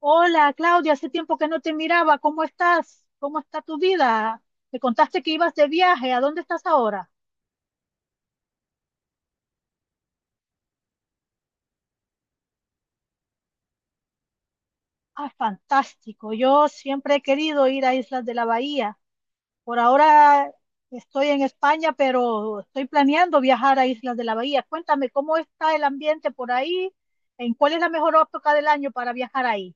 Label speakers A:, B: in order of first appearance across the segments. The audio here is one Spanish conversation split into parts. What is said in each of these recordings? A: Hola, Claudia, hace tiempo que no te miraba. ¿Cómo estás? ¿Cómo está tu vida? Me contaste que ibas de viaje. ¿A dónde estás ahora? Ah, fantástico. Yo siempre he querido ir a Islas de la Bahía. Por ahora estoy en España, pero estoy planeando viajar a Islas de la Bahía. Cuéntame, ¿cómo está el ambiente por ahí? ¿En cuál es la mejor época del año para viajar ahí?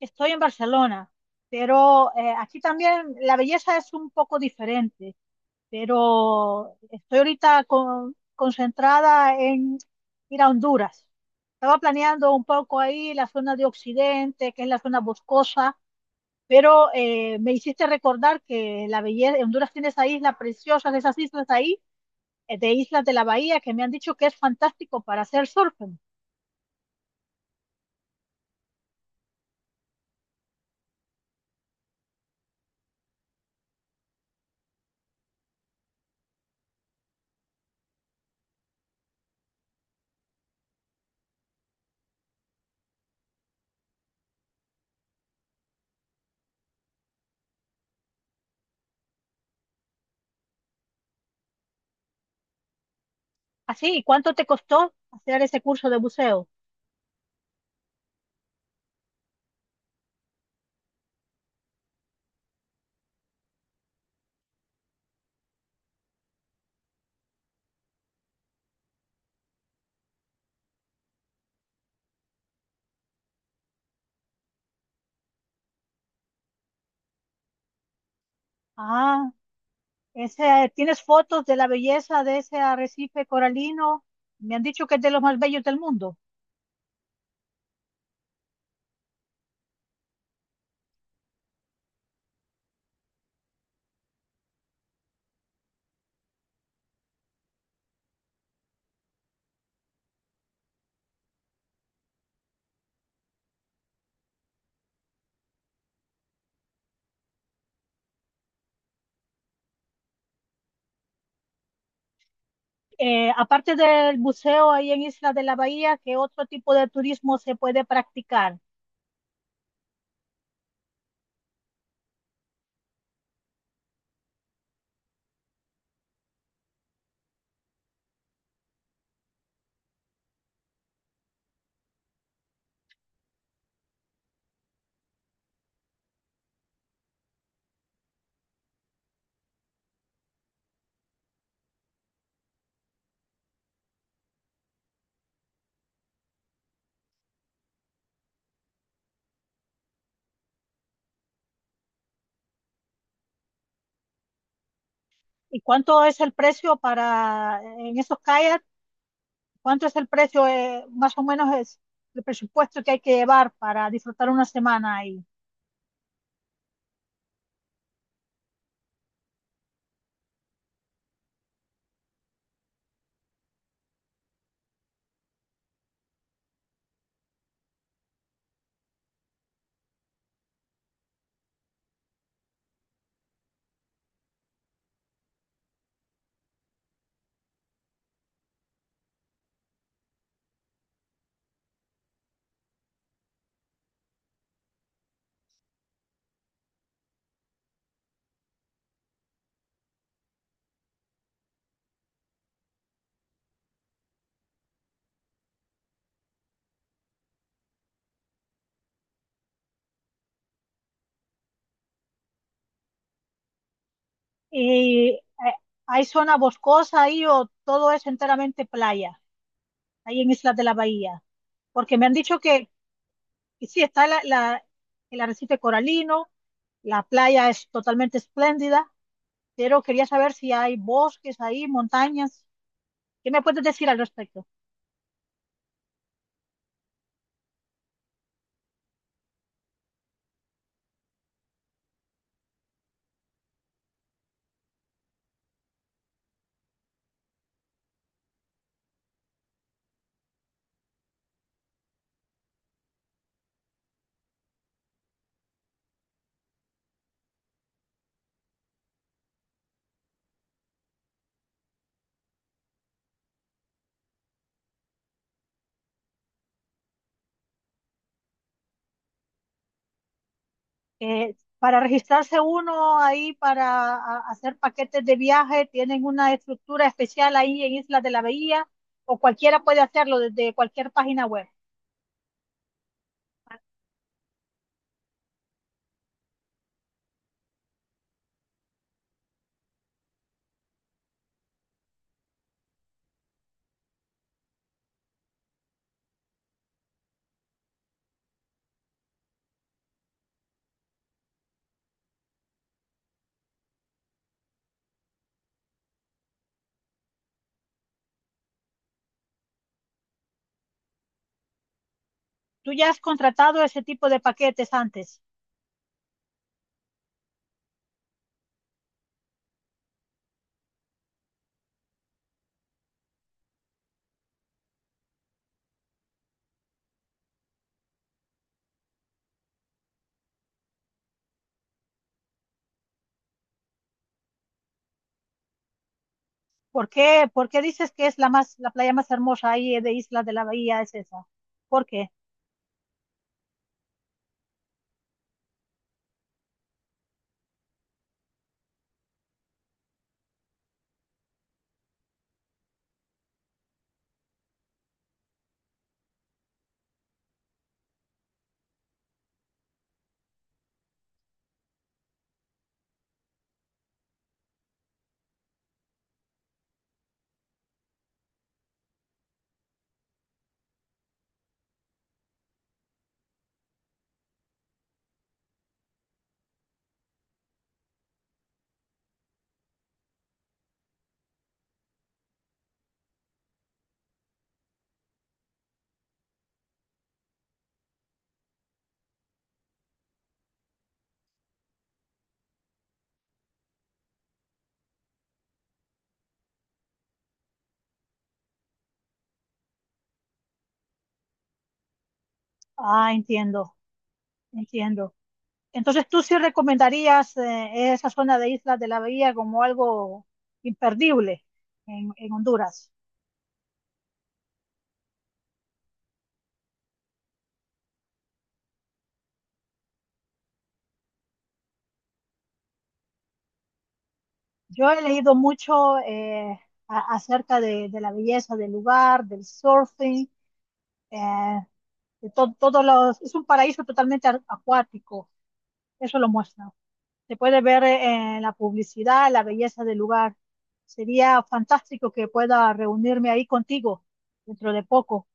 A: Estoy en Barcelona, pero aquí también la belleza es un poco diferente. Pero estoy ahorita concentrada en ir a Honduras. Estaba planeando un poco ahí la zona de Occidente, que es la zona boscosa, pero me hiciste recordar que la belleza, Honduras tiene esa isla preciosa, de esas islas ahí, de Islas de la Bahía, que me han dicho que es fantástico para hacer surfing. Así, ¿y cuánto te costó hacer ese curso de buceo? Ah, ese, ¿tienes fotos de la belleza de ese arrecife coralino? Me han dicho que es de los más bellos del mundo. Aparte del buceo ahí en Isla de la Bahía, ¿qué otro tipo de turismo se puede practicar? ¿Y cuánto es el precio para en esos kayaks? ¿Cuánto es el precio, más o menos es el presupuesto que hay que llevar para disfrutar una semana ahí? ¿Y hay zona boscosa ahí o todo es enteramente playa, ahí en Isla de la Bahía? Porque me han dicho que sí, está el arrecife coralino, la playa es totalmente espléndida, pero quería saber si hay bosques ahí, montañas. ¿Qué me puedes decir al respecto? Para registrarse uno ahí, para hacer paquetes de viaje, ¿tienen una estructura especial ahí en Islas de la Bahía? ¿O cualquiera puede hacerlo desde cualquier página web? Tú ya has contratado ese tipo de paquetes antes. Por qué dices que es la más, la playa más hermosa ahí de Islas de la Bahía es esa? ¿Por qué? Ah, entiendo, entiendo. Entonces, ¿tú sí recomendarías esa zona de Islas de la Bahía como algo imperdible en Honduras? Yo he leído mucho acerca de la belleza del lugar, del surfing, eh, de todos los... Es un paraíso totalmente acuático, eso lo muestra. Se puede ver en la publicidad la belleza del lugar. Sería fantástico que pueda reunirme ahí contigo dentro de poco.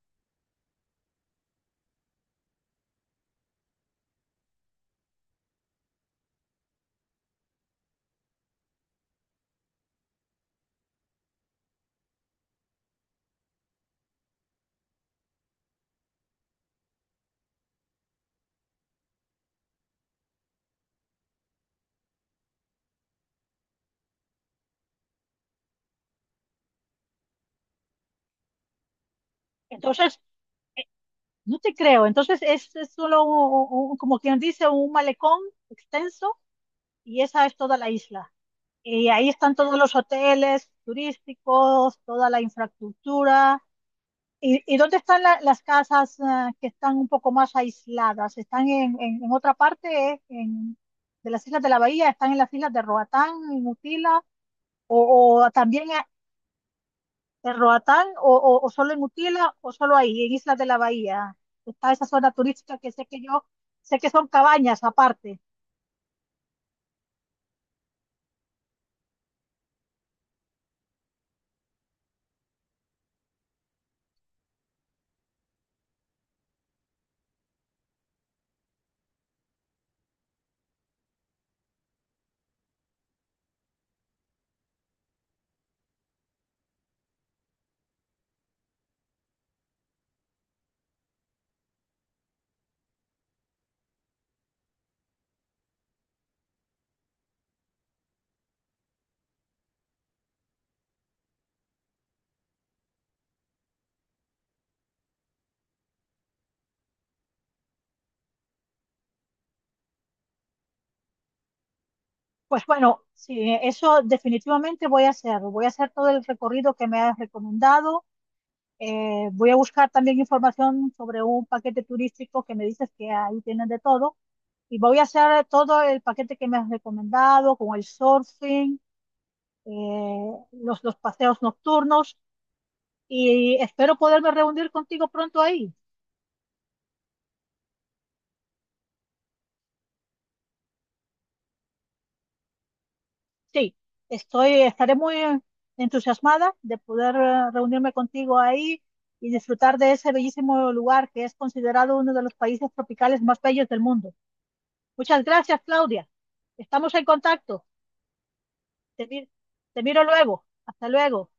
A: Entonces, no te creo. Entonces es solo como quien dice, un malecón extenso y esa es toda la isla. Y ahí están todos los hoteles turísticos, toda la infraestructura. Y dónde están las casas ah, que están un poco más aisladas? ¿Están en, en otra parte eh, en- de las islas de la bahía? ¿Están en las islas de Roatán, en Utila? ¿O, o también en Roatán o solo en Utila o solo ahí, en Islas de la Bahía? Está esa zona turística que sé que yo sé que son cabañas aparte. Pues bueno, sí, eso definitivamente voy a hacer. Voy a hacer todo el recorrido que me has recomendado. Voy a buscar también información sobre un paquete turístico que me dices que ahí tienen de todo. Y voy a hacer todo el paquete que me has recomendado, con el surfing, los paseos nocturnos. Y espero poderme reunir contigo pronto ahí. Sí, estoy, estaré muy entusiasmada de poder reunirme contigo ahí y disfrutar de ese bellísimo lugar que es considerado uno de los países tropicales más bellos del mundo. Muchas gracias, Claudia. Estamos en contacto. Te, te miro luego. Hasta luego.